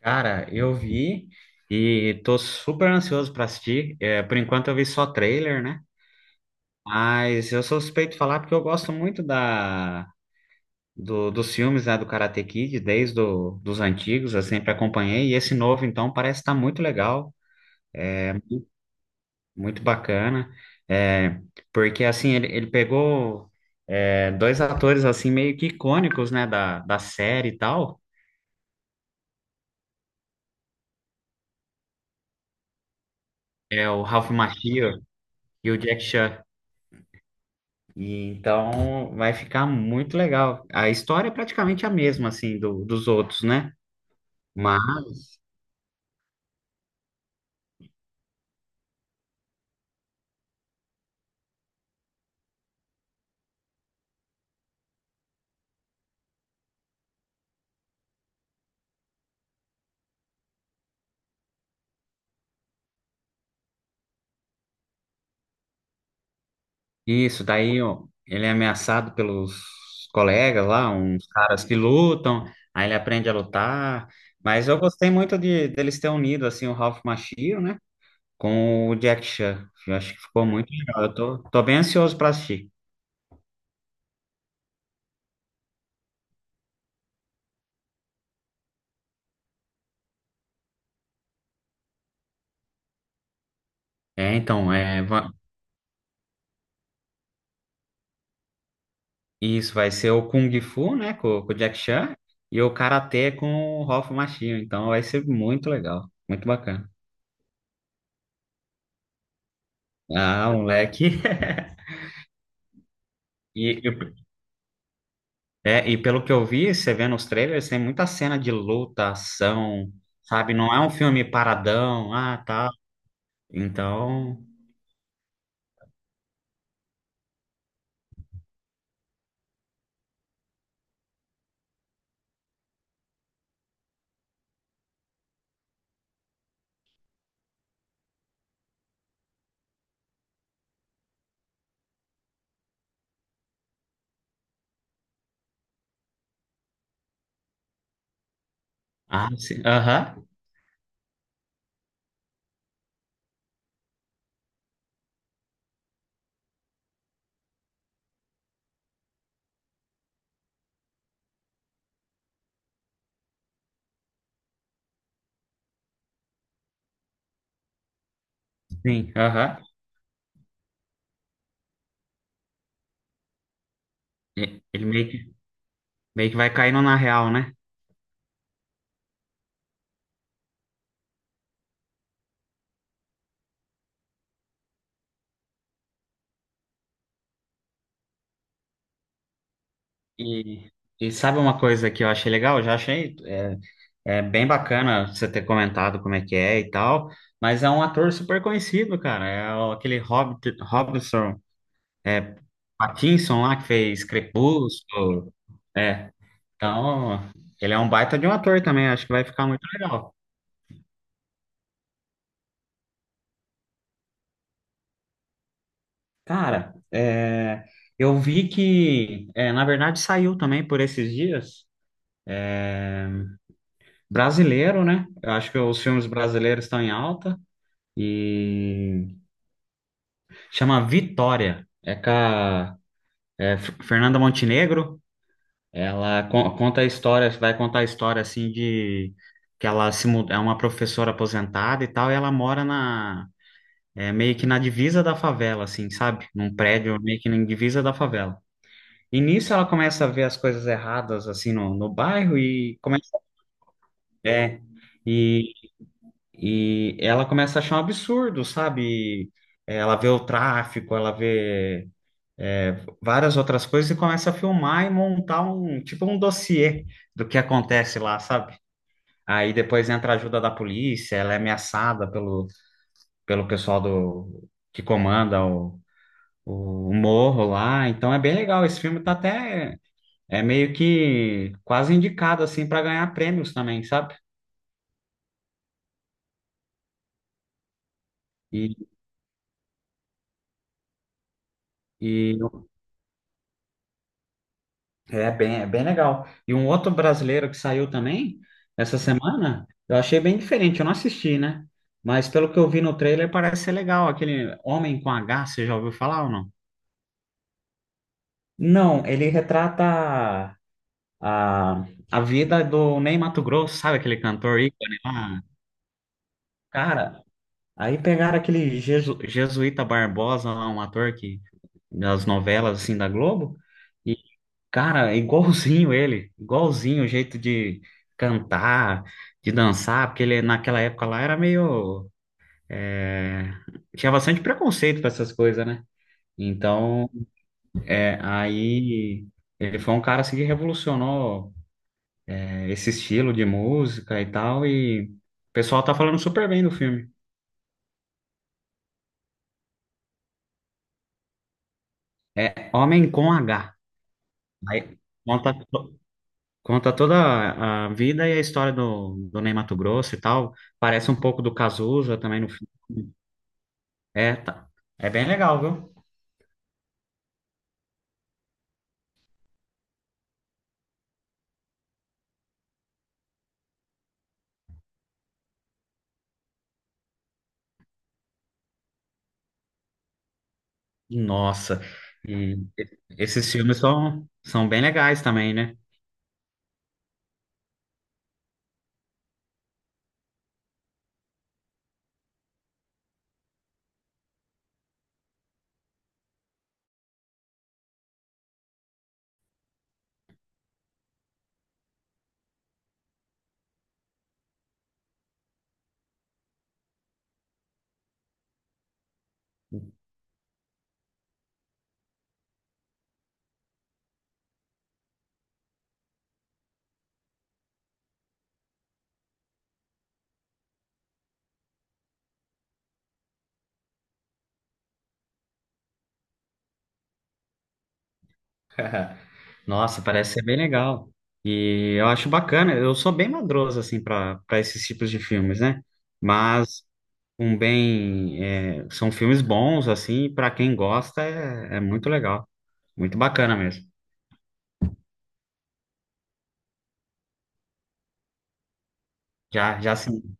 Cara, eu vi e tô super ansioso pra assistir. É, por enquanto eu vi só trailer, né? Mas eu sou suspeito de falar porque eu gosto muito dos filmes, né, do Karate Kid, desde dos antigos, eu sempre acompanhei. E esse novo, então, parece estar muito legal, muito bacana. É, Porque, assim, ele pegou dois atores, assim, meio que icônicos, né, da série e tal. É o Ralph Macchio e o Jack Chan. E então vai ficar muito legal. A história é praticamente a mesma, assim, dos outros, né? Mas isso, daí ó, ele é ameaçado pelos colegas lá, uns caras que lutam, aí ele aprende a lutar. Mas eu gostei muito de deles ter unido, assim, o Ralph Macchio, né? Com o Jack Chan. Eu acho que ficou muito legal. Eu tô bem ansioso para assistir. É, então, é, va- Isso vai ser o Kung Fu, né, com o Jack Chan, e o Karatê com o Ralph Machinho. Então vai ser muito legal, muito bacana. Ah, moleque. E, e- e pelo que eu vi, você vê nos trailers, tem muita cena de luta, ação, sabe? Não é um filme paradão, ah, tá. Então, ah, sim, aham, sim, aham. Ele meio que vai caindo na real, né? E, e sabe uma coisa que eu achei legal? Eu já achei. É bem bacana você ter comentado como é que é e tal, mas é um ator super conhecido, cara. Aquele Hobbit, Robinson, é, Pattinson lá que fez Crepúsculo. É, então ele é um baita de um ator também. Acho que vai ficar muito legal. Cara, eu vi que, na verdade, saiu também por esses dias. Brasileiro, né? Eu acho que os filmes brasileiros estão em alta e chama Vitória. É com a Fernanda Montenegro, ela conta a história, vai contar a história assim de que ela se muda, é uma professora aposentada e tal, e ela mora meio que na divisa da favela, assim, sabe? Num prédio meio que na divisa da favela. E nisso ela começa a ver as coisas erradas assim no bairro e começa é, e, e ela começa a achar um absurdo, sabe? E, Ela vê o tráfico, ela vê é, várias outras coisas e começa a filmar e montar um tipo um dossiê do que acontece lá, sabe? Aí depois entra a ajuda da polícia, ela é ameaçada pelo pessoal do que comanda o morro lá, então é bem legal. Esse filme tá até meio que quase indicado assim para ganhar prêmios também, sabe? E, e é bem legal. E um outro brasileiro que saiu também essa semana, eu achei bem diferente, eu não assisti, né? Mas pelo que eu vi no trailer, parece ser legal. Aquele Homem com H, você já ouviu falar ou não? Não, ele retrata a, a vida do Ney Matogrosso, sabe aquele cantor ícone lá? Cara, aí pegaram aquele Jesuíta Barbosa lá, um ator que, das novelas assim da Globo, e cara, é igualzinho ele, igualzinho o jeito de cantar, de dançar, porque ele naquela época lá era meio. é, tinha bastante preconceito para essas coisas, né? Então, aí ele foi um cara assim que revolucionou esse estilo de música e tal, e o pessoal tá falando super bem do filme. É Homem com H. Aí conta, to- conta toda a vida e a história do Ney Matogrosso e tal. Parece um pouco do Cazuza também no. É, tá. É bem legal, viu? Nossa, esses filmes são bem legais também, né? Nossa, parece ser bem legal. E eu acho bacana, eu sou bem madroso, assim, para esses tipos de filmes, né? Mas um bem. São filmes bons, assim, para quem gosta é muito legal. Muito bacana mesmo. Já, já assi-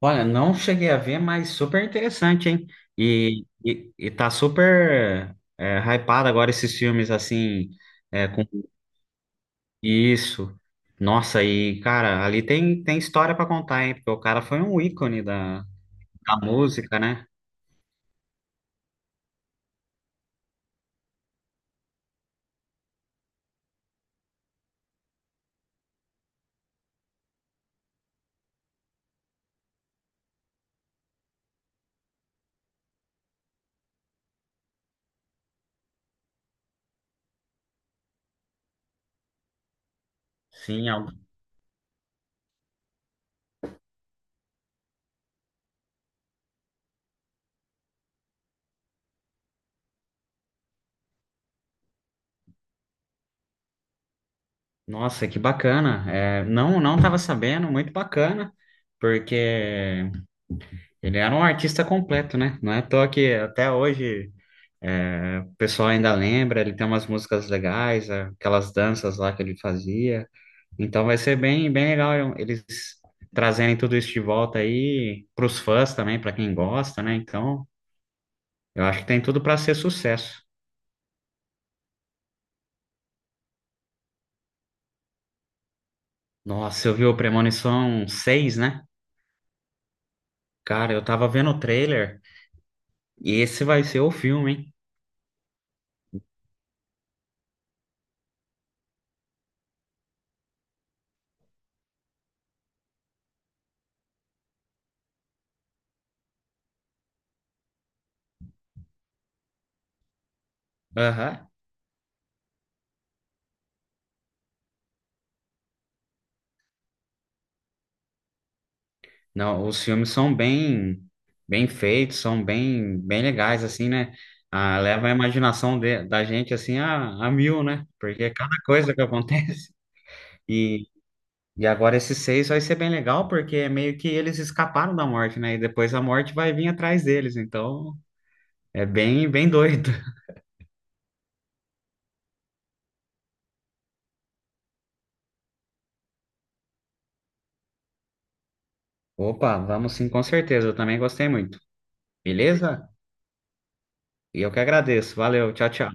Olha, não cheguei a ver, mas super interessante, hein? E tá super hypado agora esses filmes assim, com isso. Nossa, e cara, ali tem história pra contar, hein? Porque o cara foi um ícone da música, né? Sim, al- Nossa, que bacana. É, não, não tava sabendo, muito bacana, porque ele era um artista completo, né? Não é à toa que até hoje. É, o pessoal ainda lembra, ele tem umas músicas legais, aquelas danças lá que ele fazia. Então vai ser bem, bem legal eles trazerem tudo isso de volta aí para os fãs também, para quem gosta, né? Então, eu acho que tem tudo para ser sucesso. Nossa, eu vi o Premonição 6, né? Cara, eu tava vendo o trailer e esse vai ser o filme, hein? Aham. Não, os filmes são bem, bem feitos, são bem, bem legais, assim, né? Ah, leva a imaginação da gente, assim, a mil, né? Porque é cada coisa que acontece. E, e agora esses 6 vai ser bem legal, porque é meio que eles escaparam da morte, né? E depois a morte vai vir atrás deles, então é bem, bem doido. Opa, vamos sim, com certeza, eu também gostei muito. Beleza? E eu que agradeço. Valeu, tchau, tchau.